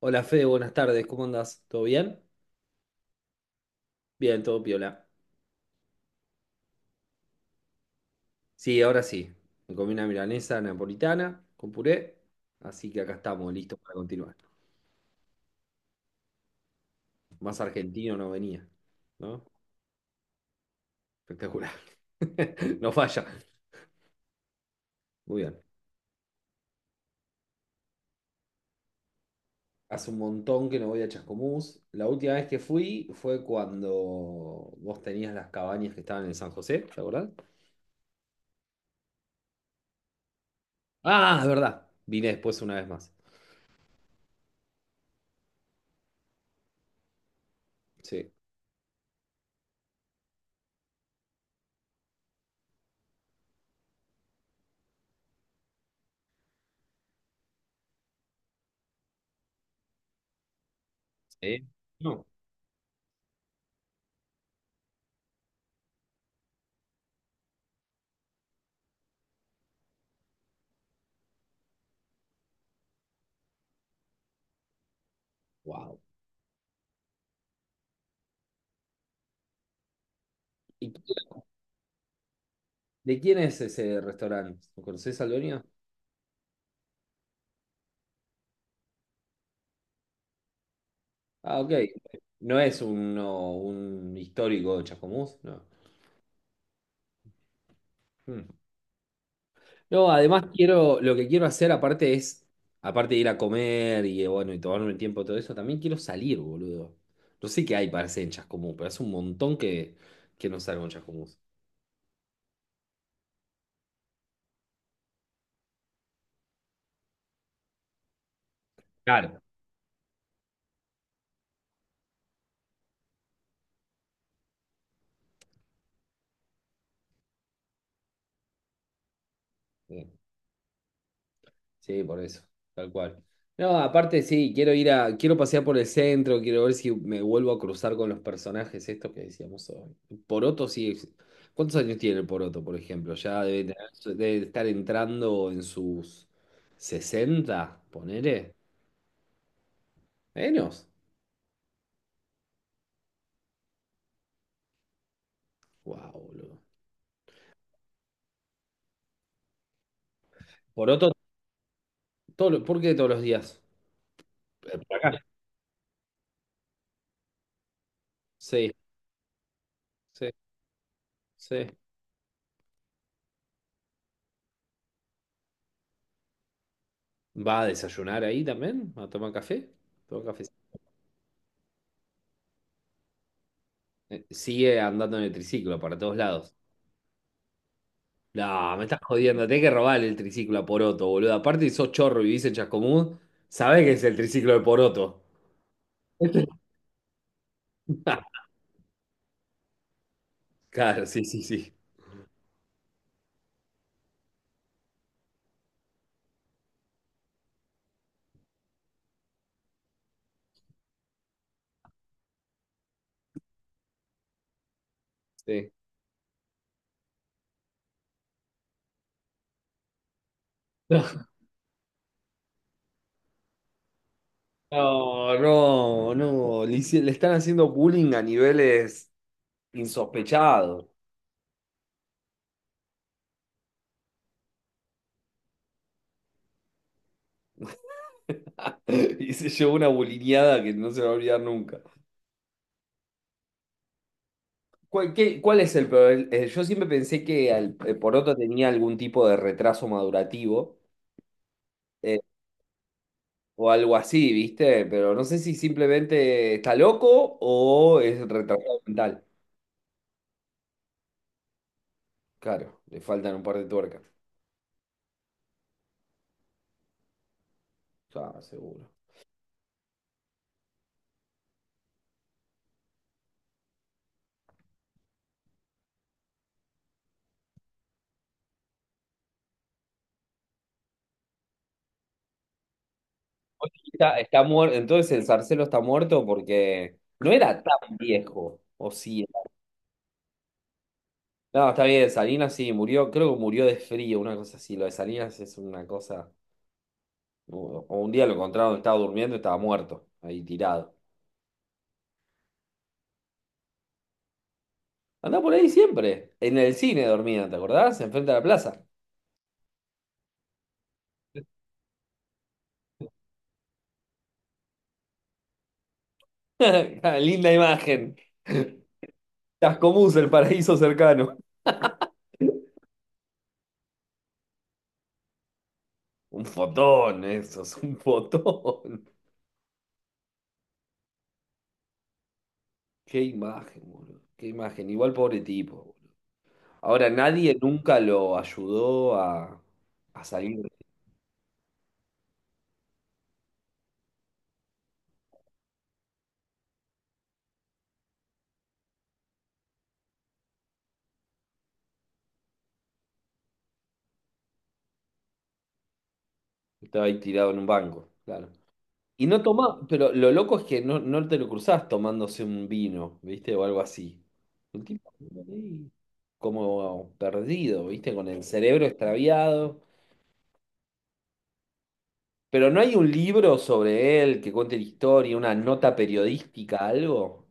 Hola Fede, buenas tardes, ¿cómo andás? ¿Todo bien? Bien, todo piola. Sí, ahora sí. Me comí una milanesa napolitana con puré, así que acá estamos, listos para continuar. Más argentino no venía, ¿no? Espectacular. No falla. Muy bien. Hace un montón que no voy a Chascomús. La última vez que fui fue cuando vos tenías las cabañas que estaban en San José, ¿te acordás? Ah, es verdad. Vine después una vez más. Sí. Sí. No. Wow. ¿De quién es ese restaurante? ¿Lo conoces al dueño? Ah, ok. No es un histórico de Chascomús, no. Mm. No, además quiero, lo que quiero hacer aparte es, aparte de ir a comer y bueno, y tomarme el tiempo todo eso, también quiero salir, boludo. No sé qué hay para hacer en Chascomús, pero hace un montón que no salgo en Chascomús. Claro. Sí, por eso, tal cual. No, aparte sí, quiero pasear por el centro, quiero ver si me vuelvo a cruzar con los personajes estos que decíamos hoy. Poroto sí, ¿cuántos años tiene el Poroto, por ejemplo? Ya debe, debe estar entrando en sus 60 ponele. Menos. Wow, boludo. Poroto, ¿por qué todos los días? Por acá. Sí, sí, sí. ¿Va a desayunar ahí también? ¿A tomar café? Toma café. Sigue andando en el triciclo para todos lados. No, me estás jodiendo. Tenés que robarle el triciclo a Poroto, boludo. Aparte, si sos chorro y vivís en Chascomús, sabés que es el triciclo de Poroto. Este- Claro, sí, sí, sí. Sí. No, no, no, no. Le están haciendo bullying a niveles insospechados. Y se llevó una bulineada que no se va a olvidar nunca. ¿Cuál, cuál es el problema? Yo siempre pensé que el Poroto tenía algún tipo de retraso madurativo. O algo así, ¿viste? Pero no sé si simplemente está loco o es retrasado mental. Claro, le faltan un par de tuercas. Ya, seguro. Está, está muerto, entonces el Zarcelo está muerto porque no era tan viejo, o sí. No, está bien, Salinas sí murió, creo que murió de frío, una cosa así. Lo de Salinas es una cosa. O un día lo encontraron, estaba durmiendo, estaba muerto, ahí tirado. Andá por ahí siempre, en el cine dormía, ¿te acordás? Enfrente de la plaza. Linda imagen. Tascomús, el paraíso cercano. Un fotón, eso es un fotón. Qué imagen, boludo. Qué imagen. Igual pobre tipo, boludo. Ahora, nadie nunca a salir. Estaba ahí tirado en un banco, claro. Y no toma, pero lo loco es que no, no te lo cruzás tomándose un vino, ¿viste? O algo así. Un tipo ahí como perdido, ¿viste? Con el cerebro extraviado. Pero no hay un libro sobre él que cuente la historia, una nota periodística, algo.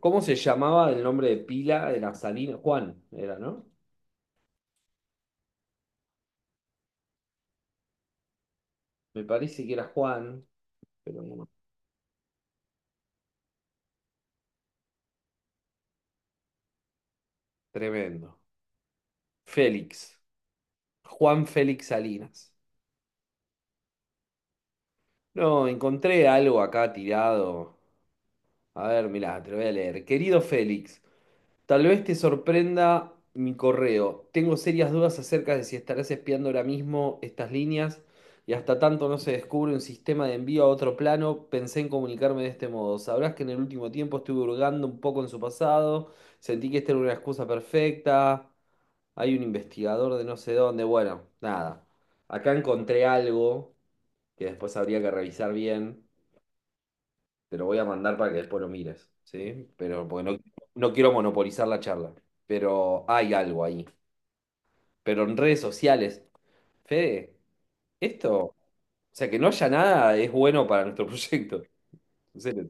¿Cómo se llamaba el nombre de pila? Era Salina. Juan, era, ¿no? Me parece que era Juan, pero no. Tremendo. Félix. Juan Félix Salinas. No, encontré algo acá tirado. A ver, mirá, te lo voy a leer. Querido Félix. Tal vez te sorprenda mi correo. Tengo serias dudas acerca de si estarás espiando ahora mismo estas líneas y hasta tanto no se descubre un sistema de envío a otro plano, pensé en comunicarme de este modo. Sabrás que en el último tiempo estuve hurgando un poco en su pasado, sentí que esta era una excusa perfecta. Hay un investigador de no sé dónde. Bueno, nada. Acá encontré algo que después habría que revisar bien. Te lo voy a mandar para que después lo mires, ¿sí? Pero porque no, no quiero monopolizar la charla. Pero hay algo ahí. Pero en redes sociales, Fede, esto, o sea, que no haya nada es bueno para nuestro proyecto. En serio.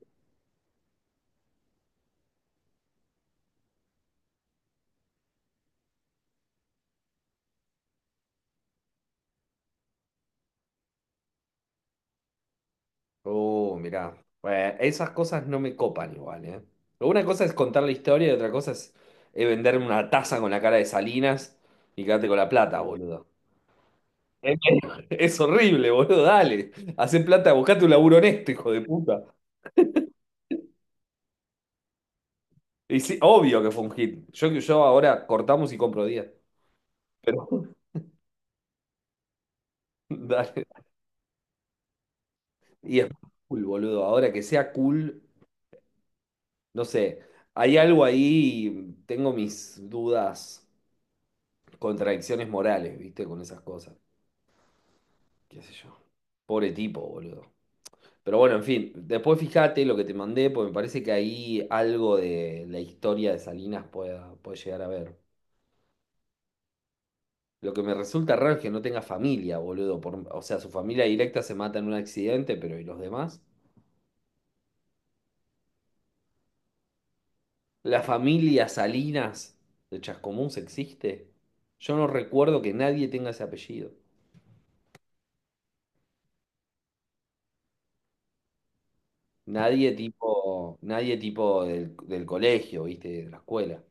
Oh, mirá. Bueno, esas cosas no me copan igual, ¿eh? Una cosa es contar la historia y otra cosa es venderme una taza con la cara de Salinas y quedarte con la plata, boludo. Es horrible, boludo, dale. Hacé plata, buscate un laburo honesto, hijo de puta. Y sí, obvio que fue un hit. Yo ahora cortamos y compro 10. Pero dale. Y es cool, boludo. Ahora que sea cool, no sé. Hay algo ahí, tengo mis dudas, contradicciones morales, ¿viste? Con esas cosas. ¿Qué sé yo? Pobre tipo, boludo. Pero bueno, en fin. Después fíjate lo que te mandé, porque me parece que ahí algo de la historia de Salinas puede llegar a ver. Lo que me resulta raro es que no tenga familia, boludo. O sea, su familia directa se mata en un accidente, pero ¿y los demás? ¿La familia Salinas de Chascomús existe? Yo no recuerdo que nadie tenga ese apellido. Nadie tipo, nadie tipo del colegio, ¿viste? De la escuela.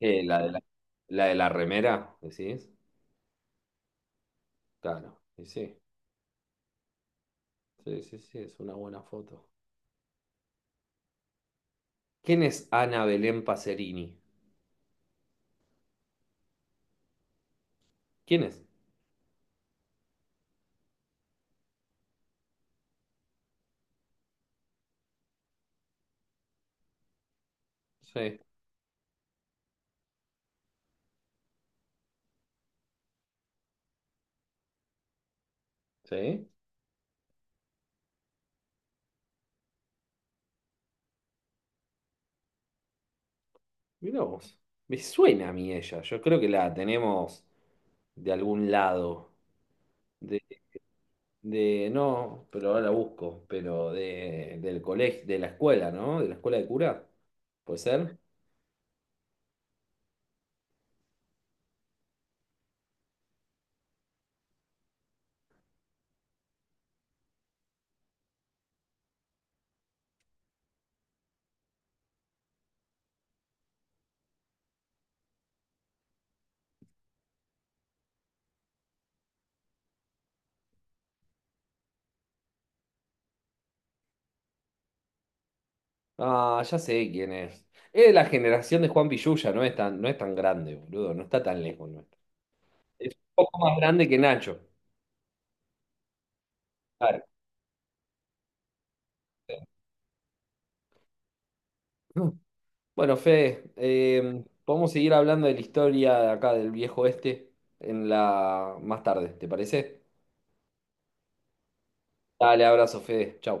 Eh, la de la, la de la remera, decís. Claro, y sí, sí, sí, sí, es una buena foto. ¿Quién es Ana Belén Pacerini? ¿Quién es? Sí. ¿Sí? Mirá vos. Me suena a mí ella. Yo creo que la tenemos de algún lado. De, no, pero ahora la busco. Pero del colegio, de la escuela, ¿no? De la escuela de cura. ¿Puede ser? Ah, ya sé quién es. Es de la generación de Juan Pillulla, no es tan grande, boludo. No está tan lejos nuestro. Es un poco más grande que Nacho. Claro. Bueno, Fede, podemos seguir hablando de la historia de acá del viejo oeste en la más tarde, ¿te parece? Dale, abrazo, Fede. Chau.